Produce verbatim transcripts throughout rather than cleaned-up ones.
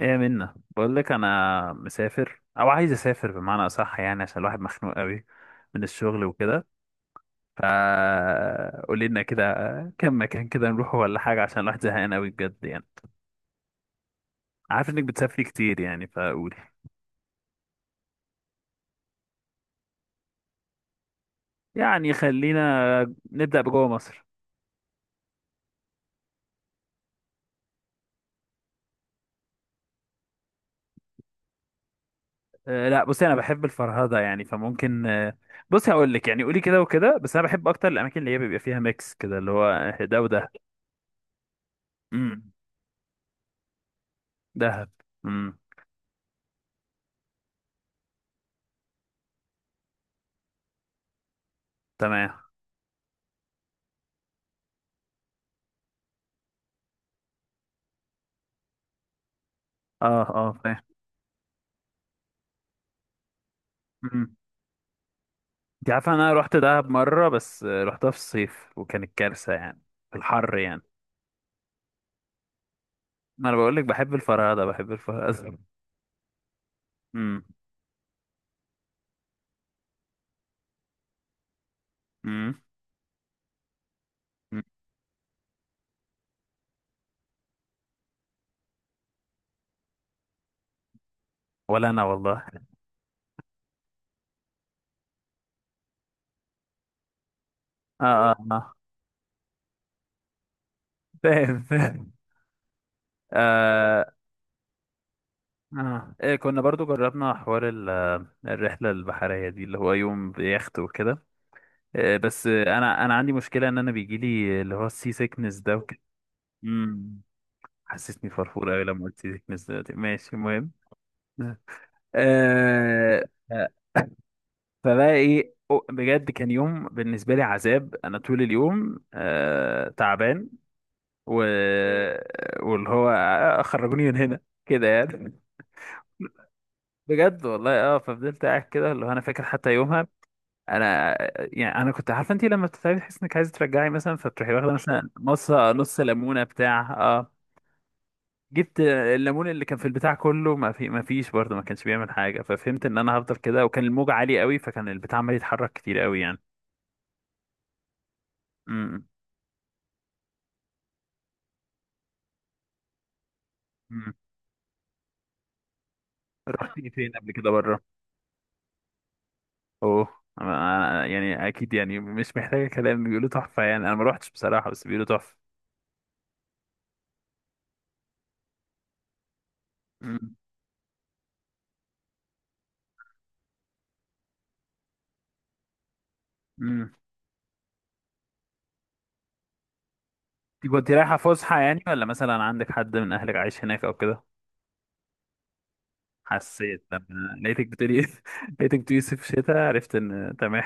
ايه، منا بقول لك انا مسافر او عايز اسافر بمعنى اصح، يعني عشان الواحد مخنوق قوي من الشغل وكده. فا قولي لنا كده كم مكان كده نروحه ولا حاجه، عشان الواحد زهقان قوي بجد يعني. عارف انك بتسافري كتير، يعني فقولي. يعني خلينا نبدا بجوه مصر. أه لا، بصي انا بحب الفرهده، يعني فممكن أه، بصي هقول لك، يعني قولي كده وكده، بس انا بحب اكتر الاماكن اللي هي بيبقى فيها ميكس كده، اللي هو ده وده. امم. دهب. امم. تمام. اه اه، فاهم. مم. انت عارفه انا رحت دهب مره، بس رحتها في الصيف وكانت كارثه يعني. في الحر يعني. ما انا بقول لك بحب الفرهده، بحب الفرهده. امم. امم. ولا انا والله. اه اه اه، فاهم فاهم. آه. آه. إيه، كنا برضو جربنا حوار ال- الرحلة البحرية دي، اللي هو يوم بيخت وكده. آه، بس آه، انا انا عندي مشكلة ان انا بيجيلي اللي هو السي سيكنس ده وكده. امم. حسسني فرفور قوي لما قلت سي سيكنس دلوقتي، ماشي المهم. آه. آه. فبقى ايه، أو- بجد كان يوم بالنسبه لي عذاب، انا طول اليوم آه تعبان و... واللي هو، آه، خرجوني من هنا كده يعني. بجد والله، اه ففضلت قاعد كده، اللي هو انا فاكر حتى يومها. انا يعني انا كنت عارفه، انت لما بتتعبي تحس انك عايزه ترجعي مثلا، فبتروحي واخده مثلا نص نص ليمونه بتاع اه جبت الليمون اللي كان في البتاع كله، ما في ما فيش برضه، ما كانش بيعمل حاجه، ففهمت ان انا هفضل كده، وكان الموج عالي قوي، فكان البتاع عمال يتحرك كتير قوي يعني. امم. امم. رحت فين قبل كده بره؟ اوه. أنا- أنا- يعني اكيد، يعني مش محتاجه كلام، بيقولوا تحفه يعني، انا ما روحتش بصراحه، بس بيقولوا تحفه. امم. امم. دي كنت رايحه فسحه يعني، ولا مثلا عندك حد من اهلك عايش هناك او كده؟ حسيت لما لقيتك بتقولي لقيتك بتقولي صيف شتاء عرفت ان تمام.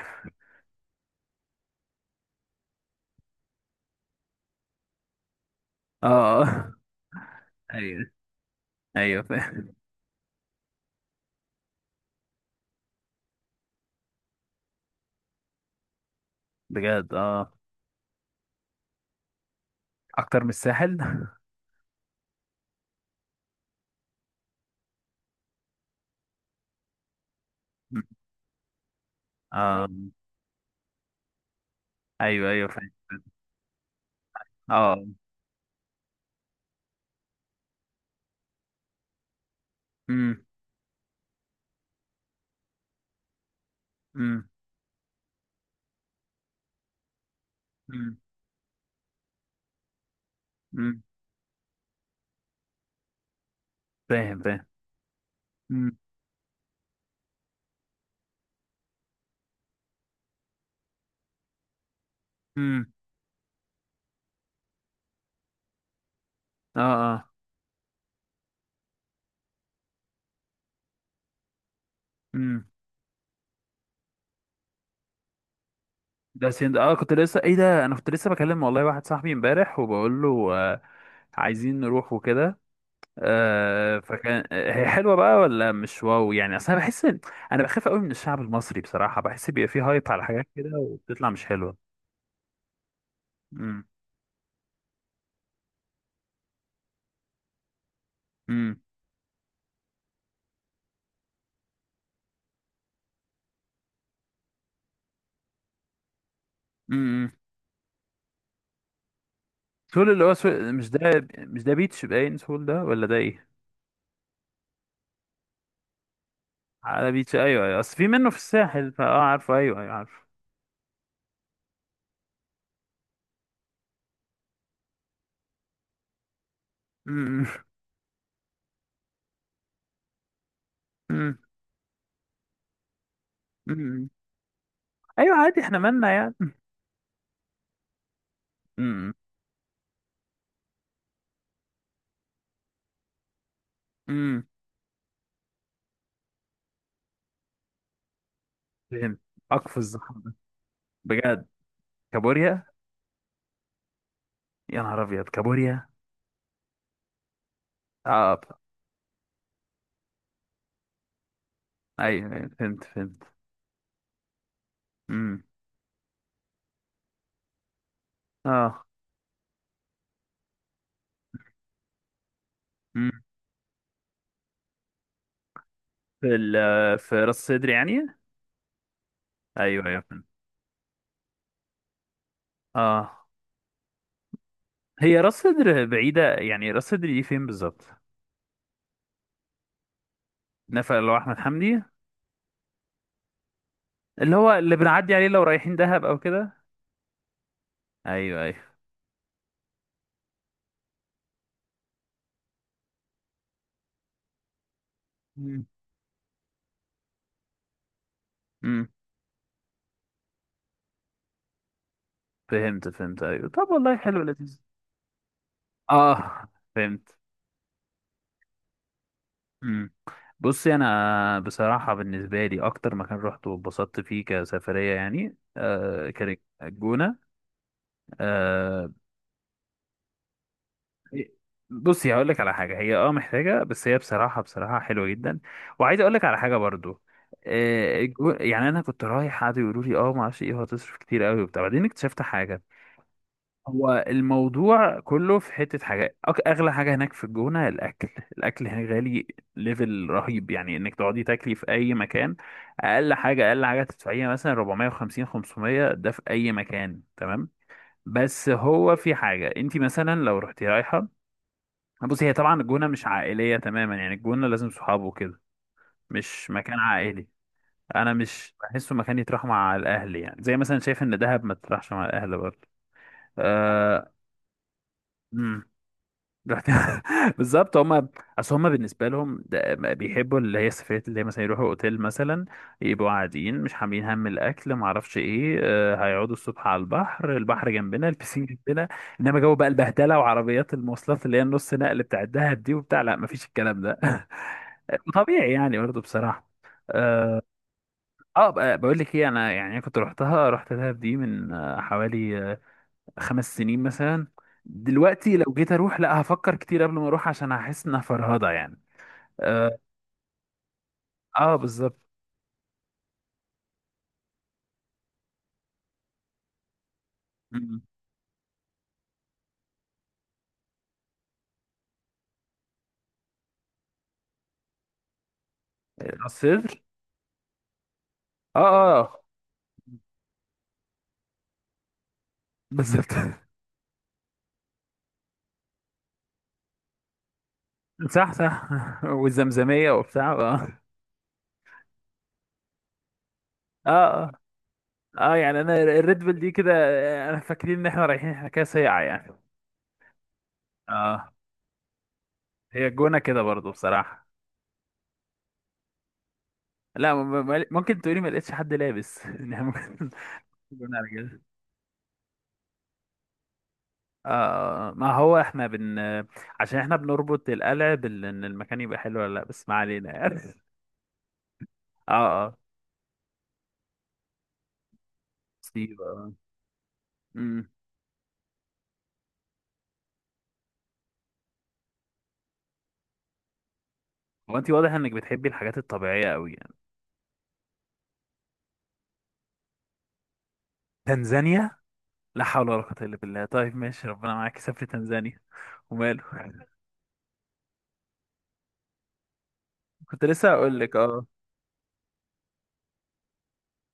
اه. آه. ايوه ايوه، فاهم. بجد، اه. اكتر من الساحل؟ اه ايوه ايوه، فاهم. اه. امم. امم. امم. أمم. فاهم فاهم. امم. امم. اه. امم. ده سند، اه كنت لسه، ايه ده، انا كنت لسه بكلم والله واحد صاحبي امبارح، وبقول له آه عايزين نروح وكده. آه فكان آه، هي حلوه بقى ولا مش واو، يعني اصل انا بحس إن- انا بخاف قوي من الشعب المصري بصراحه، بحس بيبقى فيه هايب على حاجات كده وبتطلع مش حلوه. امم. امم. امم. سول، اللي هو سول، مش ده، مش ده بيتش باين سول ده، ولا ده ايه؟ على بيتش، ايوه ايوه، اصل في منه في الساحل، فاه عارفه، ايوه ايوه عارفه. امم. امم. أمم. ايوه عادي، احنا مالنا يعني. امم. فين؟ اقفز الزحمه ده؟ بجد. كابوريا؟ يا نهار ابيض، كابوريا. اه، ب- ايوه، أيوة، فهمت فهمت. امم. اه. امم. في ال- في راس صدر يعني. ايوه ايوه فهمت. اه. هي راس صدر بعيده يعني، راس صدر دي فين بالظبط؟ نفق اللي هو احمد حمدي؟ اللي هو اللي بنعدي عليه لو رايحين دهب او كده. ايوه ايوه. امم. أمم. فهمت فهمت، ايوه، طب والله حلو لذيذ. اه، فهمت. مم. بصي، انا بصراحه بالنسبه لي اكتر مكان رحت واتبسطت فيه كسفريه يعني، آه كانت الجونه. آه. إيه، بصي هقول لك على حاجه، هي اه محتاجه، بس هي بصراحه بصراحه حلوه جدا. وعايز اقول لك على حاجه برضو. آه الجو- يعني انا كنت رايح، قعدوا يقولوا لي اه ما اعرفش ايه، وهتصرف كتير قوي وبتاع، بعدين اكتشفت حاجه. هو الموضوع كله في حتة حاجات، أك- أغلى حاجة هناك في الجونة الأكل. الأكل هناك غالي. ليفل رهيب، يعني إنك تقعدي تاكلي في أي مكان. أقل حاجة أقل حاجة تدفعيها مثلا اربعمية وخمسين خمسمية، ده في أي مكان، تمام. بس هو في حاجة، أنت مثلا لو رحتي رايحة. بصي، هي طبعا الجونة مش عائلية تماما يعني، الجونة لازم صحابه وكده. مش مكان عائلي. أنا مش بحسه مكان يتراح مع الأهل، يعني زي مثلا شايف إن دهب ما تتراحش مع الأهل برضه. أه. رحت بالظبط هما. اصل هما بالنسبه لهم ده، ما بيحبوا اللي هي السفريات، اللي هي مثلا يروحوا اوتيل مثلا، يبقوا قاعدين، مش حاملين هم الاكل، ما اعرفش ايه، آه، هيقعدوا الصبح على البحر، البحر جنبنا البسين جنبنا. انما جو بقى البهدله، وعربيات المواصلات اللي هي النص نقل بتاع الدهب دي وبتاع، لا ما فيش الكلام ده طبيعي يعني برضه بصراحه. اه. آه، بقى- بقول لك ايه، انا يعني كنت رحتها، رحت دهب دي من آه، حوالي خمس سنين مثلا. دلوقتي لو جيت اروح، لا هفكر كتير قبل ما اروح، عشان هحس انها فرهضه يعني. اه. آه، بالظبط. م- م. الصدر. اه اه بالظبط صح صح والزمزميه وبتاع، اه اه. اه آه، آه، يعني انا الريد بول دي كده، آه، انا فاكرين ان احنا رايحين احنا كده سيعه يعني. اه. هي الجونه كده برضو بصراحه. لا، م- م- ممكن تقولي ما لقيتش حد لابس يعني ممكن. جونه على كده. آه ما هو احنا بن عشان احنا بنربط القلع بال، ان المكان يبقى حلو ولا لا، بس ما علينا يعني. اه اه. مصيبة، آه. امم. هو انت واضح انك بتحبي الحاجات الطبيعية قوي يعني؟ تنزانيا. لا حول ولا قوة الا بالله، طيب ماشي، ربنا معاك، سافري تنزانيا. وماله كنت لسه هقول لك، اه.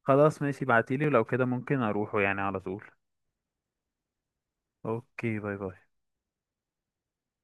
خلاص ماشي، ابعتيلي، ولو كده ممكن اروحه يعني على طول. اوكي، باي باي.